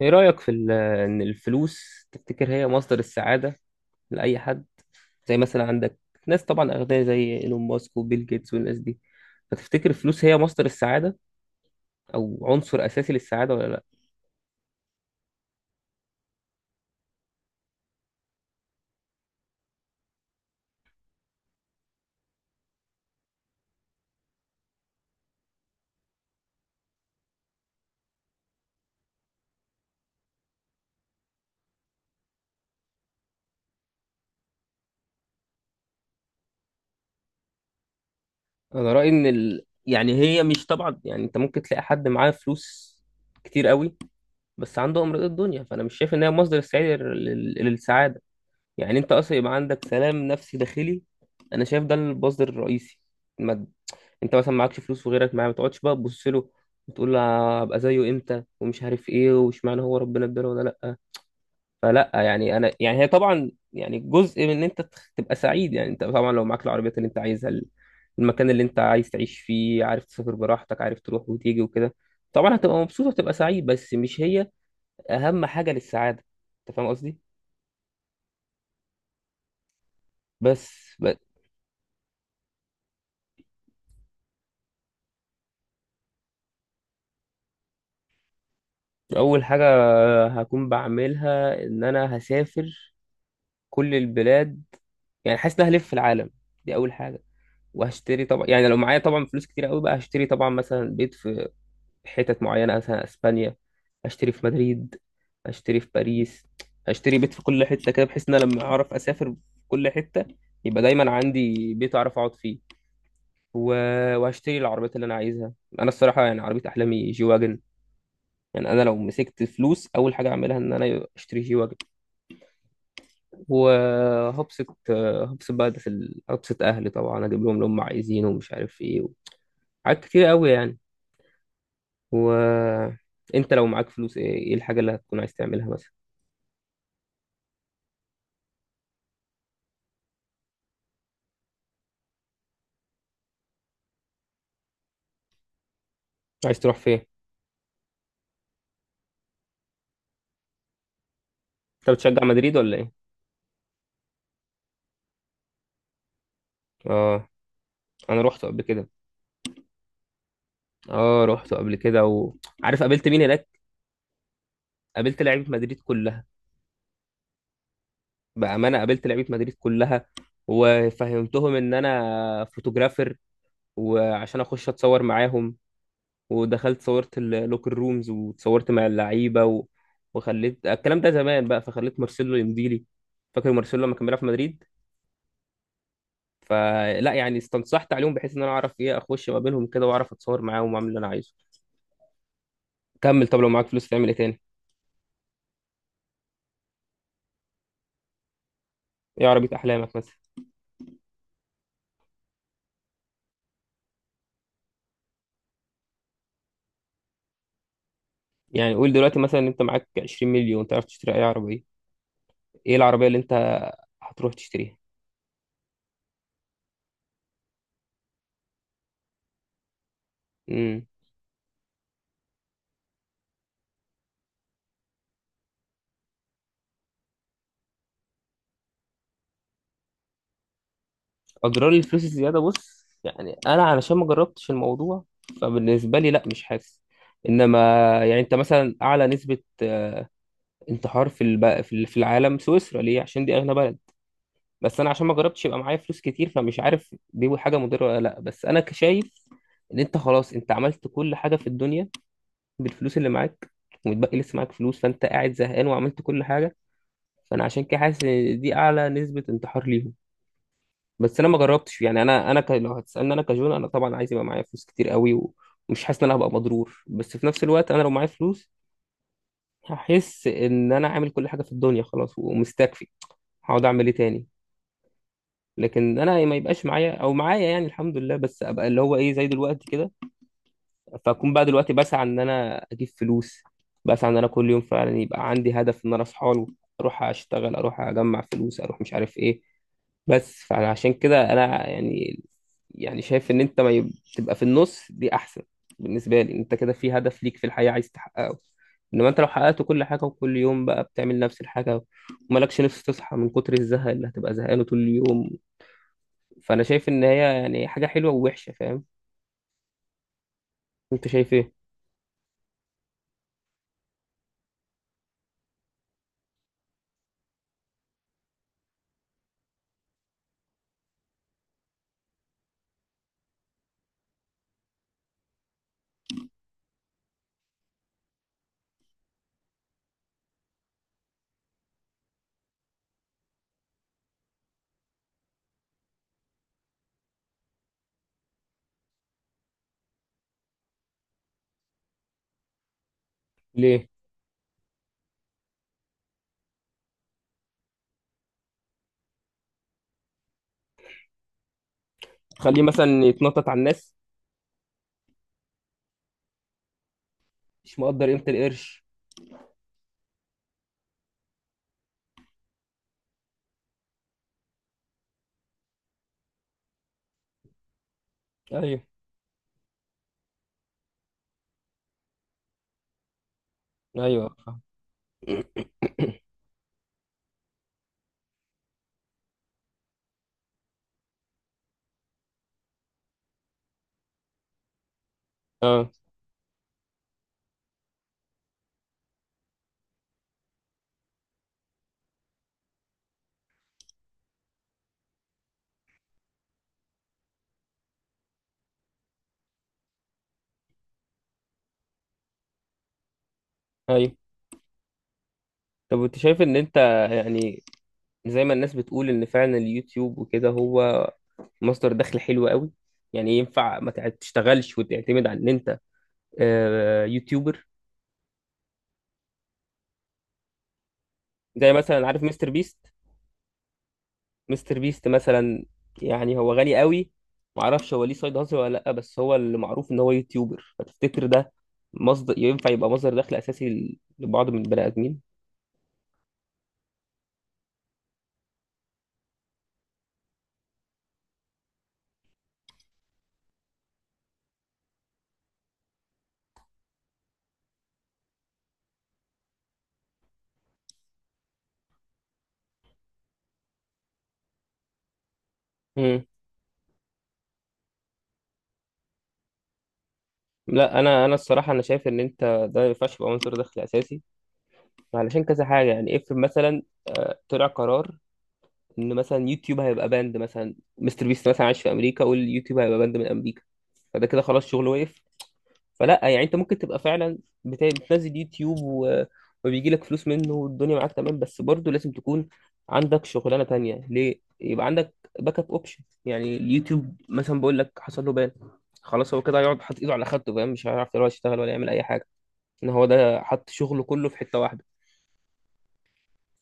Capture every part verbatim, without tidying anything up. ايه رأيك في ال- ان الفلوس تفتكر هي مصدر السعادة لأي حد؟ زي مثلا عندك ناس طبعا أغنياء زي ايلون ماسك وبيل جيتس والناس دي، فتفتكر الفلوس هي مصدر السعادة او عنصر أساسي للسعادة ولا لا؟ انا رأيي ان ال... يعني هي مش طبعا، يعني انت ممكن تلاقي حد معاه فلوس كتير قوي، بس عنده امراض الدنيا، فانا مش شايف ان هي مصدر السعادة لل... للسعادة. يعني انت اصلا يبقى عندك سلام نفسي داخلي، انا شايف ده المصدر الرئيسي. ما انت مثلا معكش فلوس وغيرك معاه، ما تقعدش بقى تبص له وتقول له ابقى زيه امتى ومش عارف ايه واشمعنى هو ربنا اداله ولا لا. فلا يعني انا يعني هي طبعا يعني جزء من ان انت تخ- تبقى سعيد، يعني انت طبعا لو معاك العربيات اللي انت عايزها، ال- المكان اللي انت عايز تعيش فيه، عارف تسافر براحتك، عارف تروح وتيجي وكده، طبعا هتبقى مبسوط وتبقى سعيد، بس مش هي اهم حاجة للسعادة. انت فاهم قصدي؟ بس, بس، اول حاجة هكون بعملها ان انا هسافر كل البلاد. يعني حاسس ان أنا هلف في العالم، دي اول حاجه. وهشتري طبعا، يعني لو معايا طبعا فلوس كتير قوي بقى، هشتري طبعا مثلا بيت في حتت معينه، مثلا اسبانيا، هشتري في مدريد، هشتري في باريس، هشتري بيت في كل حته كده، بحيث ان انا لما اعرف اسافر في كل حته يبقى دايما عندي بيت اعرف اقعد فيه. و... وهشتري العربيات اللي انا عايزها. انا الصراحه يعني عربيه احلامي جي واجن. يعني انا لو مسكت فلوس اول حاجه اعملها ان انا اشتري جي واجن، وهبسط. هبسط بقى ده في ال- هبسط اهلي طبعا، اجيب لهم اللي هم عايزينه ومش عارف ايه، حاجات كتير قوي يعني. وانت لو معاك فلوس ايه إيه الحاجه اللي هتكون عايز تعملها مثلا؟ عايز تروح فين؟ انت بتشجع مدريد ولا ايه؟ اه، انا رحت قبل كده. اه، رحت قبل كده، وعارف قابلت مين هناك؟ قابلت لعيبه مدريد كلها. بامانه، قابلت لعيبه مدريد كلها، وفهمتهم ان انا فوتوغرافر، وعشان اخش اتصور معاهم. ودخلت صورت اللوكر رومز وتصورت مع اللعيبه، و... وخليت الكلام ده زمان بقى، فخليت مارسيلو يمضي لي. فاكر مارسيلو لما كان بيلعب في مدريد؟ فلا يعني، استنصحت عليهم بحيث ان انا اعرف ايه اخش ما بينهم كده واعرف اتصور معاهم واعمل اللي انا عايزه. كمل. طب لو معاك فلوس تعمل ايه تاني؟ ايه عربيه احلامك مثلا؟ يعني قول دلوقتي مثلا، انت معاك 20 مليون تعرف تشتري اي عربيه، ايه العربيه اللي انت هتروح تشتريها؟ امم اجرار الفلوس الزياده؟ بص يعني انا علشان ما جربتش الموضوع، فبالنسبه لي لا، مش حاسس. انما يعني، انت مثلا اعلى نسبه انتحار في الب... في في العالم سويسرا، ليه؟ عشان دي اغنى بلد. بس انا عشان ما جربتش يبقى معايا فلوس كتير، فمش عارف دي حاجه مضره ولا لا. بس انا شايف ان انت خلاص انت عملت كل حاجه في الدنيا بالفلوس اللي معاك، ومتبقي لسه معاك فلوس، فانت قاعد زهقان وعملت كل حاجه. فانا عشان كده حاسس ان دي اعلى نسبه انتحار ليهم. بس انا ما جربتش. يعني انا انا ك... لو هتسالني انا كجون، انا طبعا عايز يبقى معايا فلوس كتير قوي، و... ومش حاسس ان انا هبقى مضرور، بس في نفس الوقت انا لو معايا فلوس هحس ان انا عامل كل حاجه في الدنيا، خلاص ومستكفي، هقعد اعمل ايه تاني؟ لكن انا ما يبقاش معايا، او معايا يعني الحمد لله، بس ابقى اللي هو ايه، زي دلوقتي كده. فاكون بقى دلوقتي بسعى ان انا اجيب فلوس، بسعى ان انا كل يوم فعلا يبقى عندي هدف ان انا اصحى له، اروح اشتغل، اروح اجمع فلوس، اروح مش عارف ايه. بس فعشان كده انا يعني، يعني شايف ان انت ما يب- تبقى في النص دي احسن. بالنسبه لي انت كده في هدف ليك في الحياه عايز تحققه، انما انت لو حققت كل حاجه وكل يوم بقى بتعمل نفس الحاجه، ومالكش نفس تصحى من كتر الزهق اللي هتبقى زهقانه طول اليوم. فانا شايف ان هي يعني حاجه حلوه ووحشه. فاهم؟ انت شايف ايه؟ ليه؟ تخليه مثلا يتنطط على الناس؟ مش مقدر قيمه القرش؟ ايوه، ايوه، فاهم. اه، ايوه. طب انت شايف ان انت يعني، زي ما الناس بتقول ان فعلا اليوتيوب وكده هو مصدر دخل حلو قوي، يعني ينفع ما تع- تشتغلش وتعتمد على ان انت آه، يوتيوبر؟ زي مثلا عارف مستر بيست. مستر بيست مثلا، يعني هو غني قوي، معرفش هو ليه سايد هاسل ولا لا، بس هو اللي معروف ان هو يوتيوبر. فتفتكر ده مصدر، ينفع يبقى مصدر دخل اساسي ل- لبعض من البني ادمين؟ مم. لا، انا انا الصراحه انا شايف ان انت ده ما ينفعش يبقى مصدر دخل اساسي، علشان كذا حاجه. يعني افرض مثلا آه، طلع قرار ان مثلا يوتيوب هيبقى باند، مثلا مستر بيست مثلا عايش في امريكا واليوتيوب هيبقى باند من امريكا، فده كده خلاص شغله وقف. فلا يعني، انت ممكن تبقى فعلا بت- بتنزل يوتيوب، و... وبيجي لك فلوس منه والدنيا معاك تمام، بس برضه لازم تكون عندك شغلانه تانية. ليه؟ يبقى عندك باك اب اوبشن. يعني اليوتيوب مثلا بقول لك حصل له بان، خلاص هو كده هيقعد حاطط ايده على خدته، فاهم؟ مش هيعرف يروح يشتغل ولا يعمل اي حاجه، ان هو ده حط شغله كله في حته واحده.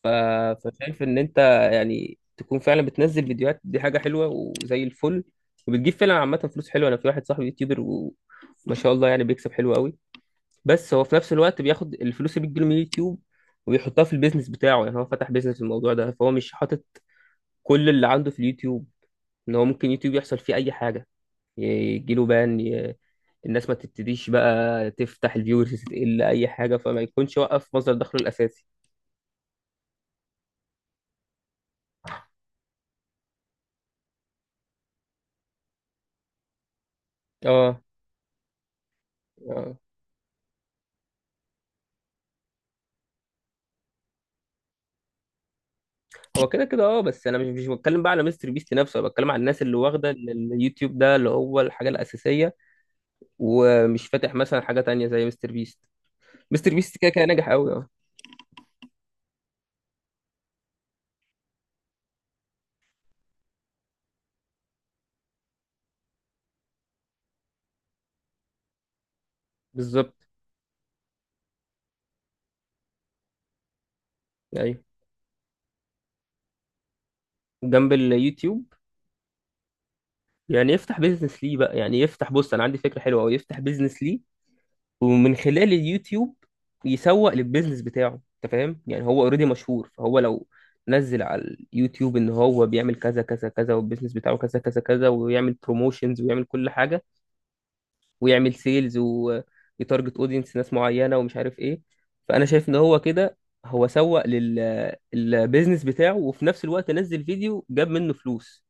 ف... فشايف ان انت يعني تكون فعلا بتنزل فيديوهات، دي حاجه حلوه وزي الفل، وبتجيب فعلا عامه فلوس حلوه. انا في واحد صاحبي يوتيوبر، وما شاء الله يعني بيكسب حلو قوي، بس هو في نفس الوقت بياخد الفلوس اللي بتجيله من اليوتيوب وبيحطها في البيزنس بتاعه. يعني هو فتح بيزنس في الموضوع ده، فهو مش حاطط كل اللي عنده في اليوتيوب، ان هو ممكن يوتيوب يحصل فيه اي حاجه، يجيله بان، ي... الناس ما تبتديش بقى تفتح الفيورز تقل اي حاجه، فما يكونش وقف مصدر دخله الاساسي. اه، هو كده كده اه. بس انا مش مش بتكلم بقى على مستر بيست نفسه، انا بتكلم على الناس اللي واخده ال- اليوتيوب ده اللي هو الحاجه الاساسيه، ومش فاتح مثلا حاجه تانية زي مستر بيست. مستر بيست كده كده ناجح قوي، اه. بالظبط. ايوه، جنب اليوتيوب. يعني يفتح بيزنس ليه بقى، يعني يفتح بص انا عندي فكره حلوه قوي، يفتح بيزنس ليه ومن خلال اليوتيوب يسوق للبيزنس بتاعه. انت فاهم؟ يعني هو اوريدي مشهور، فهو لو نزل على اليوتيوب ان هو بيعمل كذا كذا كذا والبيزنس بتاعه كذا كذا كذا، ويعمل بروموشنز ويعمل كل حاجه، ويعمل سيلز ويتارجت اودينس ناس معينه ومش عارف ايه. فانا شايف ان هو كده هو سوق للبيزنس بتاعه، وفي نفس الوقت نزل فيديو جاب منه فلوس.